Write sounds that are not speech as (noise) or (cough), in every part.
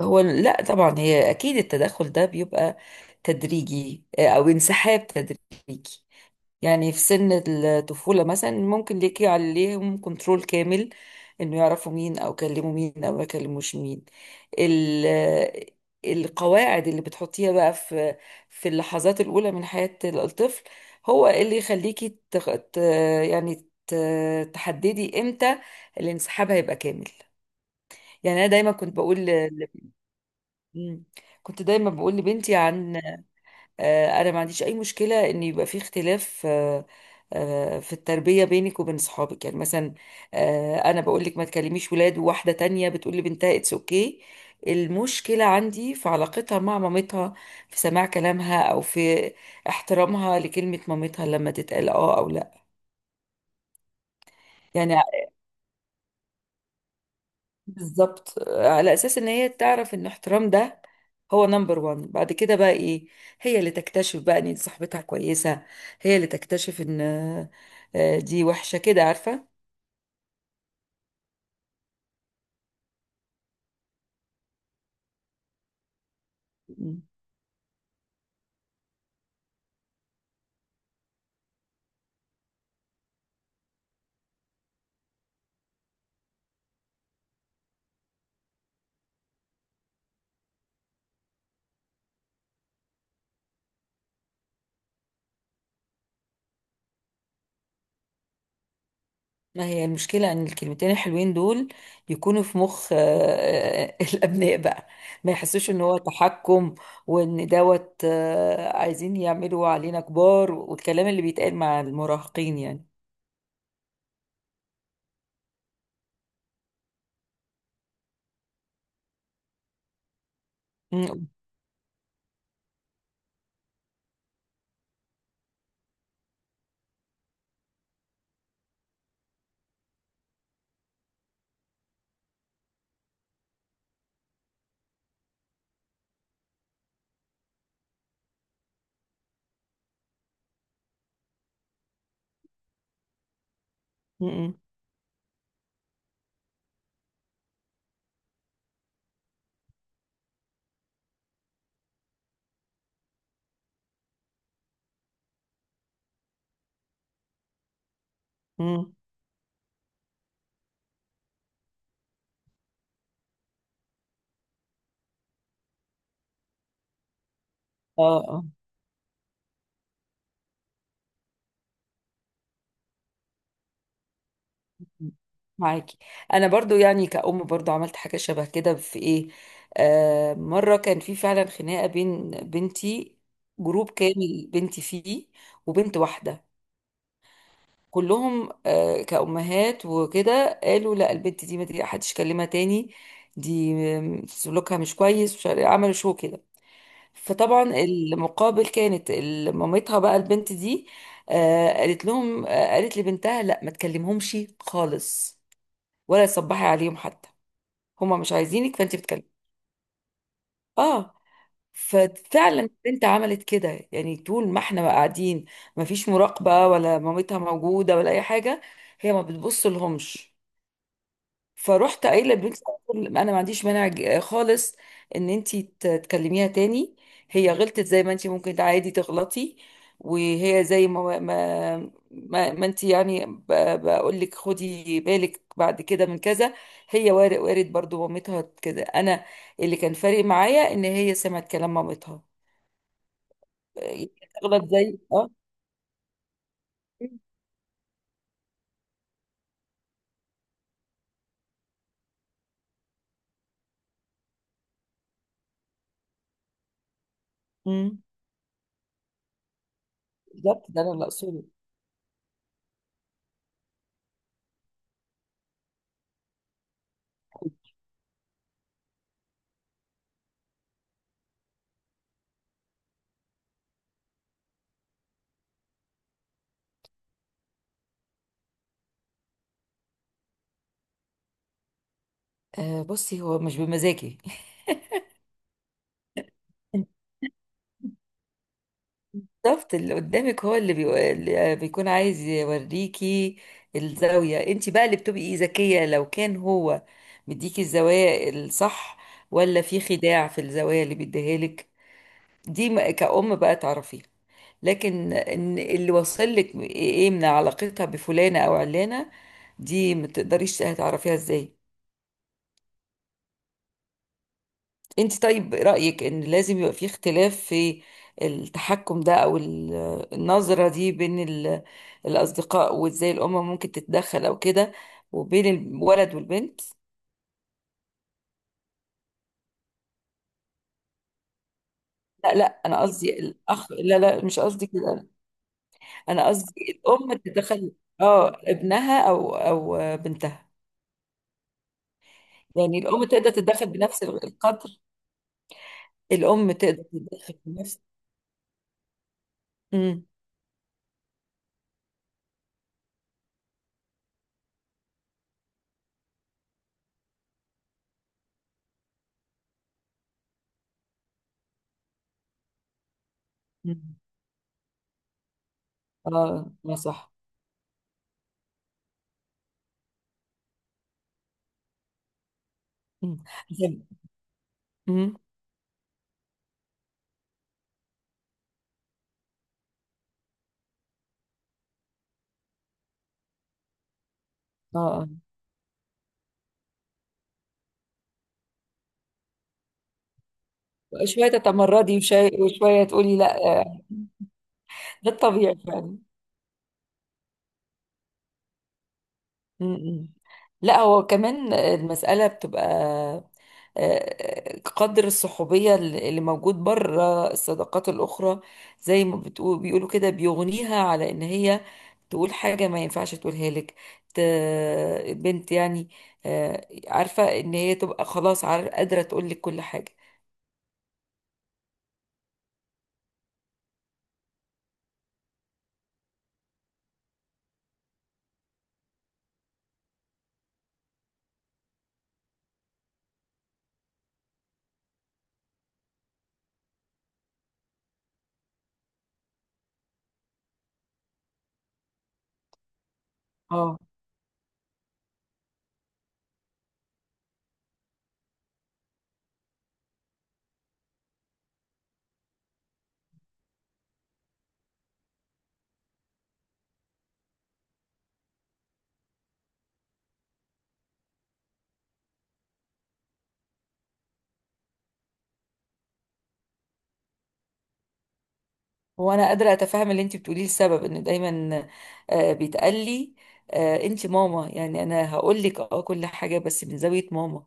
هو لا طبعا، هي اكيد التدخل ده بيبقى تدريجي، او انسحاب تدريجي. يعني في سن الطفولة مثلا ممكن ليكي عليهم كنترول كامل، انه يعرفوا مين او يكلموا مين او ما يكلموش مين. ال القواعد اللي بتحطيها بقى في اللحظات الأولى من حياة الطفل هو اللي يخليكي يعني تحددي امتى الانسحاب هيبقى كامل. يعني انا دايما كنت بقول ل- مم. كنت دايما بقول لبنتي، عن آه، انا ما عنديش اي مشكله ان يبقى في اختلاف في التربيه بينك وبين صحابك، يعني مثلا انا بقول لك ما تكلميش ولاد، وواحده تانية بتقول لي بنتها اتس اوكي. المشكله عندي في علاقتها مع مامتها، في سماع كلامها او في احترامها لكلمه مامتها لما تتقال اه او لا. يعني بالظبط، على اساس ان هي تعرف ان احترام ده هو نمبر وان. بعد كده بقى ايه؟ هي اللي تكتشف بقى ان دي صاحبتها كويسة، هي اللي تكتشف ان دي وحشة كده، عارفة. مم. ما هي المشكلة ان الكلمتين الحلوين دول يكونوا في مخ (laughs) الابناء بقى، ما يحسوش ان هو تحكم، وان دوت عايزين يعملوا علينا كبار، والكلام اللي بيتقال مع المراهقين يعني. مم. مم. مم. اه. آه. معاكي. انا برضو يعني كأم، برضو عملت حاجة شبه كده في ايه. مرة كان في فعلا خناقة بين بنتي، جروب كامل بنتي فيه وبنت واحدة، كلهم كأمهات وكده قالوا لا، البنت دي ما، دي حدش يكلمها تاني. دي سلوكها مش كويس، مش عارف- إيه، عملوا شو كده. فطبعا المقابل كانت مامتها بقى البنت دي، قالت لهم، قالت لبنتها لا ما تكلمهمش خالص، ولا تصبحي عليهم حتى. هما مش عايزينك، فانت بتكلمي؟ اه. ففعلا البنت عملت كده، يعني طول ما احنا بقى قاعدين ما فيش مراقبة ولا مامتها موجودة ولا اي حاجة، هي ما بتبص لهمش. فروحت قايله لبنتي على طول، انا ما عنديش مانع خالص ان انت تكلميها تاني. هي غلطت زي ما انت ممكن عادي تغلطي، وهي زي ما انت يعني بقول لك خدي بالك بعد كده من كذا. هي وارد برضو مامتها كده، انا اللي كان فارق معايا ان هي سمعت كلام مامتها. إيه، تغلط زي اه. مم. بالظبط، ده انا اللي اقصده. آه، بصي هو مش بمزاجي. (laughs) بالظبط، اللي قدامك هو اللي بيكون عايز يوريكي الزاوية. انت بقى اللي بتبقي إيه، ذكية لو كان هو مديكي الزوايا الصح، ولا في خداع في الزوايا اللي بيديها لك. دي كأم بقى تعرفيها. لكن ان اللي وصل لك ايه من علاقتها بفلانة او علانة، دي ما تقدريش هتعرفيها ازاي. انت، طيب رأيك ان لازم يبقى في اختلاف في التحكم ده او النظرة دي بين الأصدقاء، وازاي الأم ممكن تتدخل او كده، وبين الولد والبنت؟ لا، لا، انا قصدي الاخ. لا، لا، مش قصدي كده. انا قصدي الأم تتدخل، اه، ابنها او بنتها. يعني الأم تقدر تتدخل بنفس القدر. الأم تقدر تتدخل بنفس. امم. اه، ما صح. امم. امم. اه. آه. شوية تتمردي، وشوية تقولي لا ده الطبيعي فعلا. م- م. لا، هو كمان المسألة بتبقى قدر الصحوبية اللي موجود بره الصداقات الأخرى. زي ما بتقول بيقولوا كده، بيغنيها على إن هي تقول حاجة ما ينفعش تقولها لك. ت- البنت يعني عارفة إن هي تبقى خلاص، قادرة تقول لك كل حاجة. اه. هو انا قادره اتفهم اللي انت بتقوليه، السبب ان دايما بيتقال لي انت ماما، يعني انا هقول لك اه كل حاجه بس من زاويه ماما.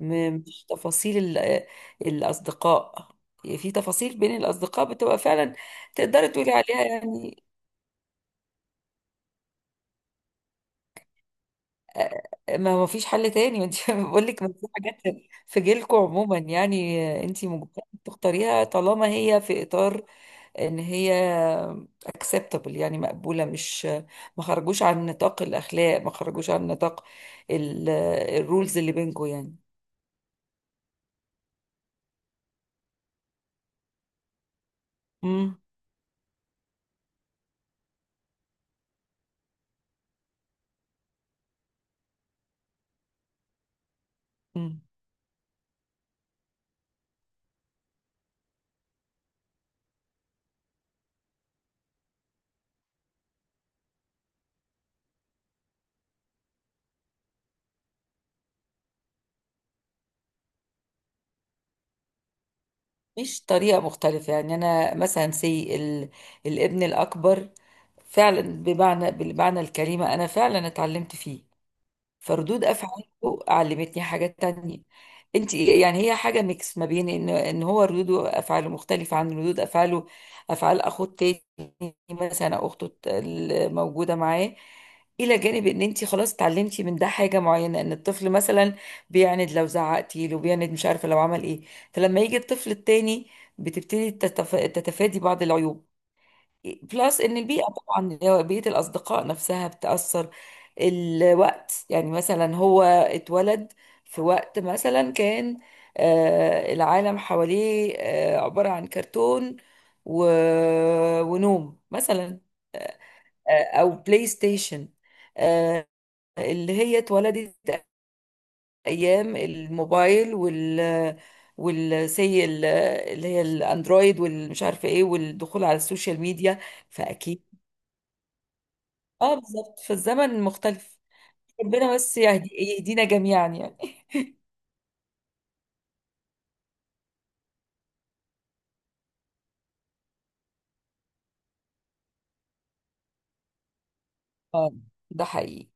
مش تفاصيل الاصدقاء. في تفاصيل بين الاصدقاء بتبقى فعلا تقدري تقولي عليها يعني آه، ما فيش حل تاني. انت (laughs) بقول لك، ما في حاجات في جيلكم عموما يعني، انت مجبره تختاريها طالما هي في اطار ان هي acceptable يعني مقبولة، مش ما خرجوش عن نطاق الأخلاق، ما خرجوش عن نطاق الرولز اللي بينكم يعني. امم. امم. مش طريقة مختلفة، يعني أنا مثلا الابن الأكبر فعلا، بالمعنى الكلمة أنا فعلا اتعلمت فيه. فردود افعاله علمتني حاجة تانية. انت يعني هي حاجة ميكس ما بين ان هو ردود افعاله مختلفة عن ردود افعاله افعال اخوه التاني مثلا، او اخته الموجودة معاه. الى جانب ان انت خلاص اتعلمتي من ده حاجه معينه، ان الطفل مثلا بيعند لو زعقتي له، بيعند، مش عارفه لو عمل ايه. فلما يجي الطفل التاني، بتبتدي تتفادي بعض العيوب. بلس ان البيئه طبعا، اللي هو بيئه الاصدقاء نفسها، بتاثر. الوقت يعني، مثلا هو اتولد في وقت مثلا كان العالم حواليه عباره عن كرتون و... ونوم مثلا، او بلاي ستيشن. آه، اللي هي اتولدت ايام الموبايل والسي اللي هي الاندرويد، والمش عارفه ايه، والدخول على السوشيال ميديا. فاكيد. اه، بالظبط، في الزمن المختلف. ربنا بس يهدينا جميعا يعني. اه، ده حقيقي.